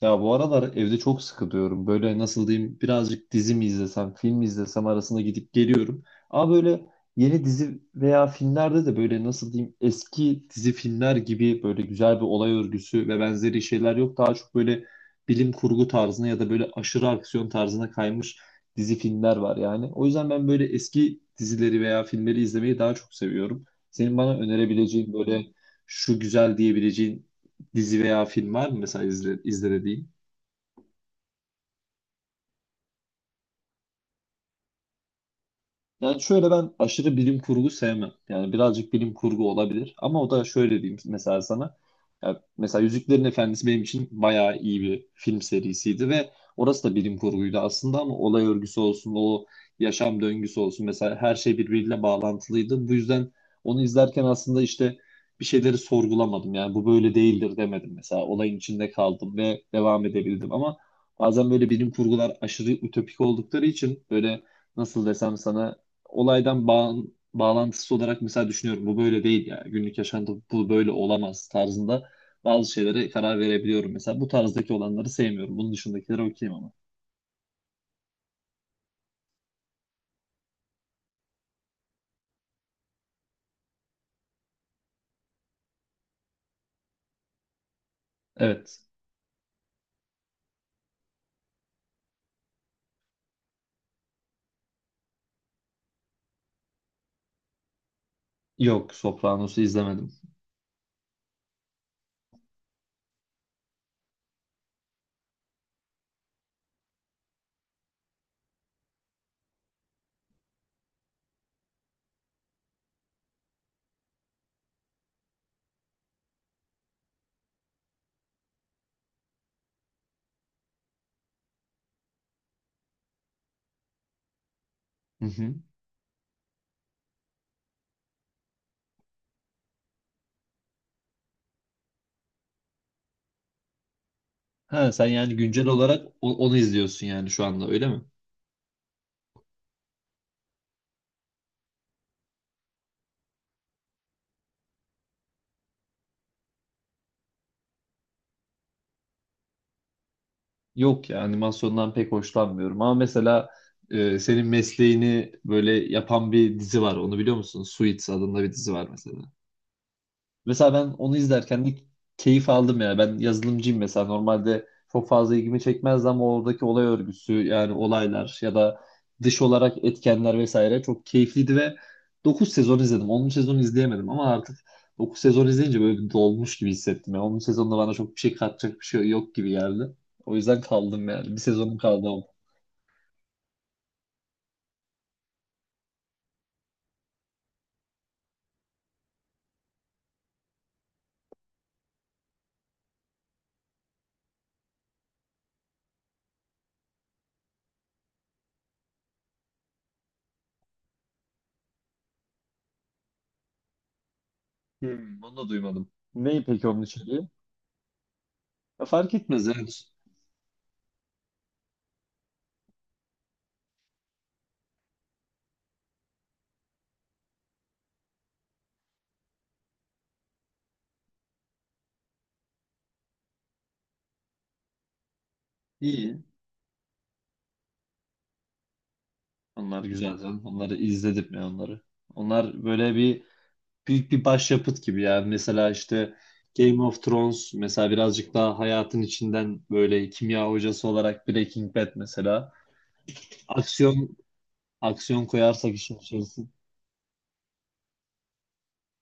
Ya bu aralar evde çok sıkılıyorum. Böyle nasıl diyeyim birazcık dizi mi izlesem, film mi izlesem arasında gidip geliyorum. Ama böyle yeni dizi veya filmlerde de böyle nasıl diyeyim eski dizi filmler gibi böyle güzel bir olay örgüsü ve benzeri şeyler yok. Daha çok böyle bilim kurgu tarzına ya da böyle aşırı aksiyon tarzına kaymış dizi filmler var yani. O yüzden ben böyle eski dizileri veya filmleri izlemeyi daha çok seviyorum. Senin bana önerebileceğin böyle şu güzel diyebileceğin dizi veya film var mı mesela izle, izle dediğin? Yani şöyle ben aşırı bilim kurgu sevmem. Yani birazcık bilim kurgu olabilir. Ama o da şöyle diyeyim mesela sana. Ya mesela Yüzüklerin Efendisi benim için bayağı iyi bir film serisiydi ve orası da bilim kurguydu aslında ama olay örgüsü olsun, o yaşam döngüsü olsun mesela her şey birbiriyle bağlantılıydı. Bu yüzden onu izlerken aslında işte bir şeyleri sorgulamadım. Yani bu böyle değildir demedim mesela. Olayın içinde kaldım ve devam edebildim ama bazen böyle bilim kurgular aşırı ütopik oldukları için böyle nasıl desem sana olaydan bağlantısı olarak mesela düşünüyorum bu böyle değil ya günlük yaşantı bu böyle olamaz tarzında bazı şeylere karar verebiliyorum. Mesela bu tarzdaki olanları sevmiyorum. Bunun dışındakileri okeyim ama. Evet. Yok, Sopranos'u izlemedim. Hı hı. Ha sen yani güncel olarak onu izliyorsun yani şu anda öyle mi? Yok ya animasyondan pek hoşlanmıyorum ama mesela senin mesleğini böyle yapan bir dizi var. Onu biliyor musun? Suits adında bir dizi var mesela. Mesela ben onu izlerken de keyif aldım ya. Ben yazılımcıyım mesela. Normalde çok fazla ilgimi çekmezdi ama oradaki olay örgüsü yani olaylar ya da dış olarak etkenler vesaire çok keyifliydi ve 9 sezon izledim. 10. sezonu izleyemedim ama artık 9 sezon izleyince böyle bir dolmuş gibi hissettim. Yani 10. sezonda bana çok bir şey katacak bir şey yok gibi geldi. O yüzden kaldım yani. Bir sezonum kaldı ama. Hmm, onu da duymadım. Neyi peki onun içeriği? Ya fark etmez yani. İyi. Onlar güzel canım. Onları izledim ya onları. Onlar böyle bir büyük bir başyapıt gibi yani. Mesela işte Game of Thrones mesela birazcık daha hayatın içinden böyle kimya hocası olarak Breaking Bad mesela. Aksiyon aksiyon koyarsak işin içerisine.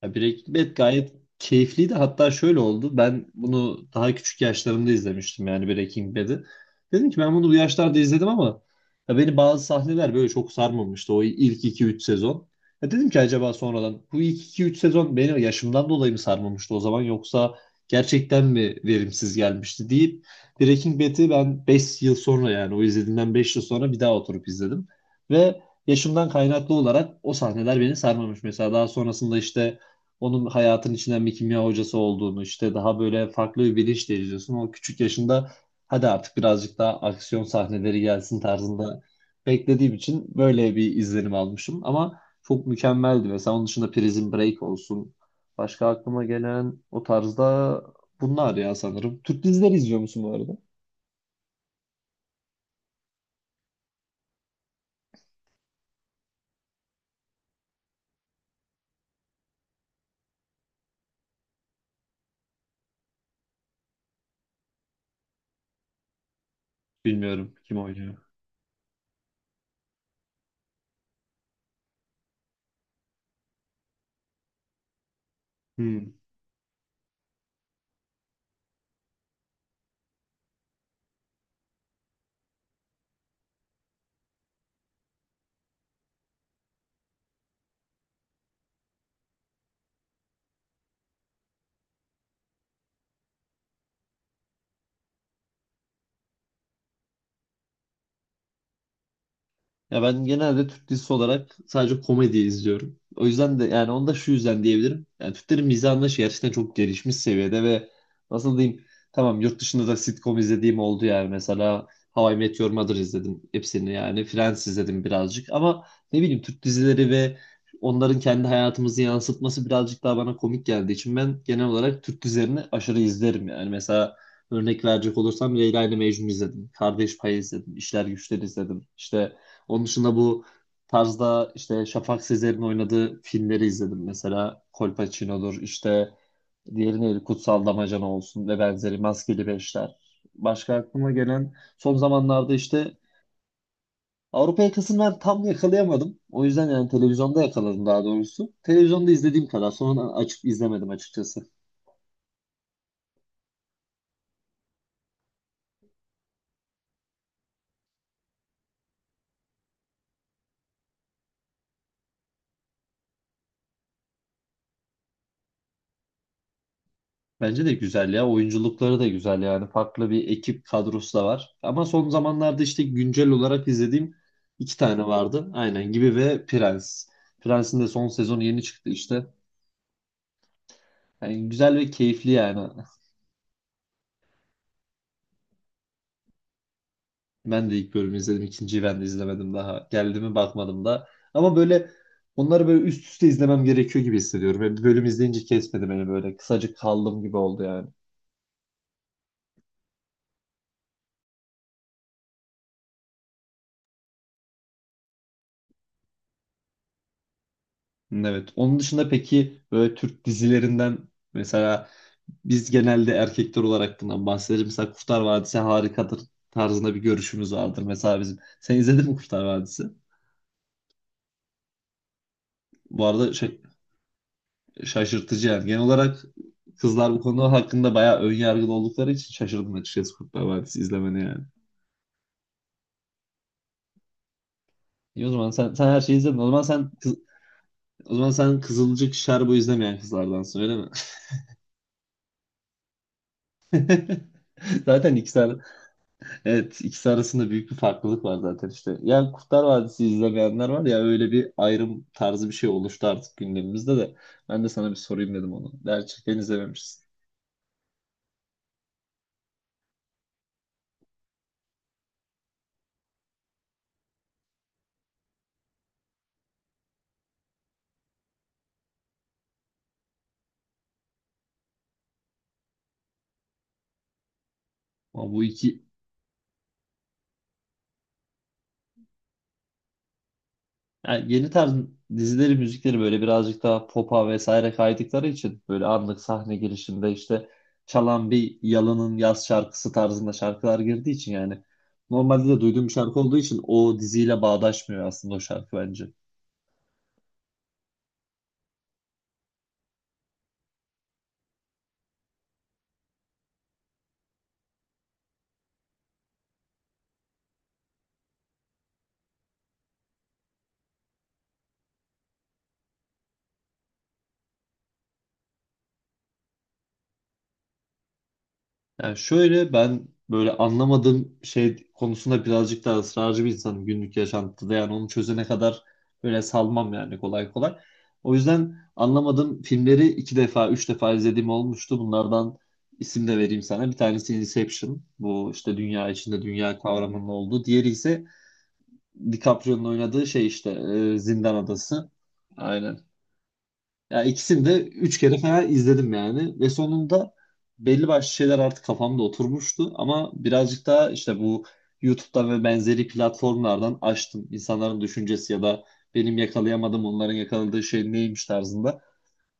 Ya Breaking Bad gayet keyifliydi. Hatta şöyle oldu. Ben bunu daha küçük yaşlarımda izlemiştim yani Breaking Bad'i. Dedim ki ben bunu bu yaşlarda izledim ama ya beni bazı sahneler böyle çok sarmamıştı o ilk iki üç sezon. Ya dedim ki acaba sonradan bu ilk iki üç sezon beni yaşımdan dolayı mı sarmamıştı o zaman yoksa gerçekten mi verimsiz gelmişti deyip Breaking Bad'i ben 5 yıl sonra yani o izlediğimden 5 yıl sonra bir daha oturup izledim. Ve yaşımdan kaynaklı olarak o sahneler beni sarmamış. Mesela daha sonrasında işte onun hayatın içinden bir kimya hocası olduğunu işte daha böyle farklı bir bilinç de izliyorsun. O küçük yaşında hadi artık birazcık daha aksiyon sahneleri gelsin tarzında beklediğim için böyle bir izlenim almışım. Ama çok mükemmeldi. Mesela onun dışında Prison Break olsun. Başka aklıma gelen o tarzda bunlar ya sanırım. Türk dizileri izliyor musun bu arada? Bilmiyorum kim oynuyor. Hmm. Ya ben genelde Türk dizisi olarak sadece komedi izliyorum. O yüzden de yani onu da şu yüzden diyebilirim. Yani Türklerin mizah anlayışı gerçekten çok gelişmiş seviyede ve nasıl diyeyim tamam yurt dışında da sitcom izlediğim oldu yani mesela How I Met Your Mother izledim hepsini yani Friends izledim birazcık ama ne bileyim Türk dizileri ve onların kendi hayatımızı yansıtması birazcık daha bana komik geldiği için ben genel olarak Türk dizilerini aşırı izlerim yani mesela örnek verecek olursam Leyla ile Mecnun izledim. Kardeş Payı izledim. İşler Güçler izledim. İşte onun dışında bu tarzda işte Şafak Sezer'in oynadığı filmleri izledim. Mesela Kolpaçino'dur işte diğeri neydi Kutsal Damacana olsun ve benzeri Maskeli Beşler. Başka aklıma gelen son zamanlarda işte Avrupa Yakasını ben tam yakalayamadım. O yüzden yani televizyonda yakaladım daha doğrusu. Televizyonda izlediğim kadar. Sonra açıp izlemedim açıkçası. Bence de güzel ya. Oyunculukları da güzel yani. Farklı bir ekip kadrosu da var. Ama son zamanlarda işte güncel olarak izlediğim iki tane vardı. Aynen gibi ve Prens. Prens'in de son sezonu yeni çıktı işte. Yani güzel ve keyifli yani. Ben de ilk bölümü izledim. İkinciyi ben de izlemedim daha. Geldi mi bakmadım da. Ama böyle onları böyle üst üste izlemem gerekiyor gibi hissediyorum. Yani bir bölüm izleyince kesmedi beni böyle. Kısacık kaldım gibi oldu yani. Evet. Onun dışında peki böyle Türk dizilerinden mesela biz genelde erkekler olarak bundan bahsederiz. Mesela Kurtlar Vadisi harikadır tarzında bir görüşümüz vardır mesela bizim. Sen izledin mi Kurtlar Vadisi? Bu arada şaşırtıcı yani. Genel olarak kızlar bu konu hakkında bayağı ön yargılı oldukları için şaşırdım açıkçası Kurtlar Vadisi izlemene yani. İyi o zaman sen her şeyi izledin. O zaman sen Kızılcık Şerbo izlemeyen kızlardansın öyle mi? Zaten iki tane. Evet, ikisi arasında büyük bir farklılık var zaten işte. Yani Kurtlar Vadisi izlemeyenler var ya öyle bir ayrım tarzı bir şey oluştu artık gündemimizde de. Ben de sana bir sorayım dedim onu. Gerçekten izlememişsin. Ama bu iki yani yeni tarz dizileri, müzikleri böyle birazcık daha pop'a vesaire kaydıkları için böyle anlık sahne girişinde işte çalan bir Yalın'ın yaz şarkısı tarzında şarkılar girdiği için yani normalde de duyduğum bir şarkı olduğu için o diziyle bağdaşmıyor aslında o şarkı bence. Yani şöyle ben böyle anlamadığım şey konusunda birazcık daha ısrarcı bir insanım günlük yaşantıda. Yani onu çözene kadar böyle salmam yani kolay kolay. O yüzden anlamadığım filmleri iki defa, üç defa izlediğim olmuştu. Bunlardan isim de vereyim sana. Bir tanesi Inception. Bu işte dünya içinde dünya kavramının olduğu. Diğeri ise DiCaprio'nun oynadığı şey işte Zindan Adası. Aynen. Ya ikisini de üç kere falan izledim yani ve sonunda belli başlı şeyler artık kafamda oturmuştu ama birazcık daha işte bu YouTube'dan ve benzeri platformlardan açtım. İnsanların düşüncesi ya da benim yakalayamadığım onların yakaladığı şey neymiş tarzında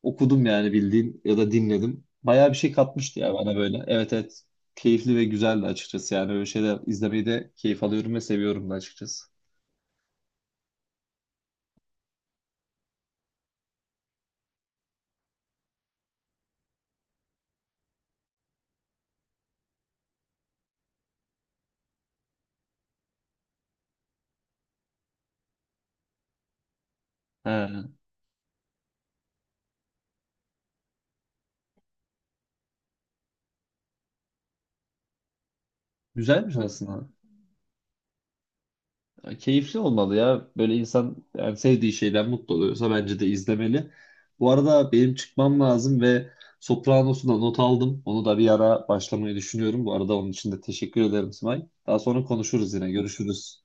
okudum yani bildiğin ya da dinledim. Bayağı bir şey katmıştı ya bana böyle. Evet, evet, keyifli ve güzeldi açıkçası yani öyle şeyler izlemeyi de keyif alıyorum ve seviyorum da açıkçası. He, güzelmiş aslında. Ya keyifli olmalı ya. Böyle insan yani sevdiği şeyden mutlu oluyorsa bence de izlemeli. Bu arada benim çıkmam lazım ve Sopranos'u da not aldım. Onu da bir ara başlamayı düşünüyorum. Bu arada onun için de teşekkür ederim Simay. Daha sonra konuşuruz yine. Görüşürüz.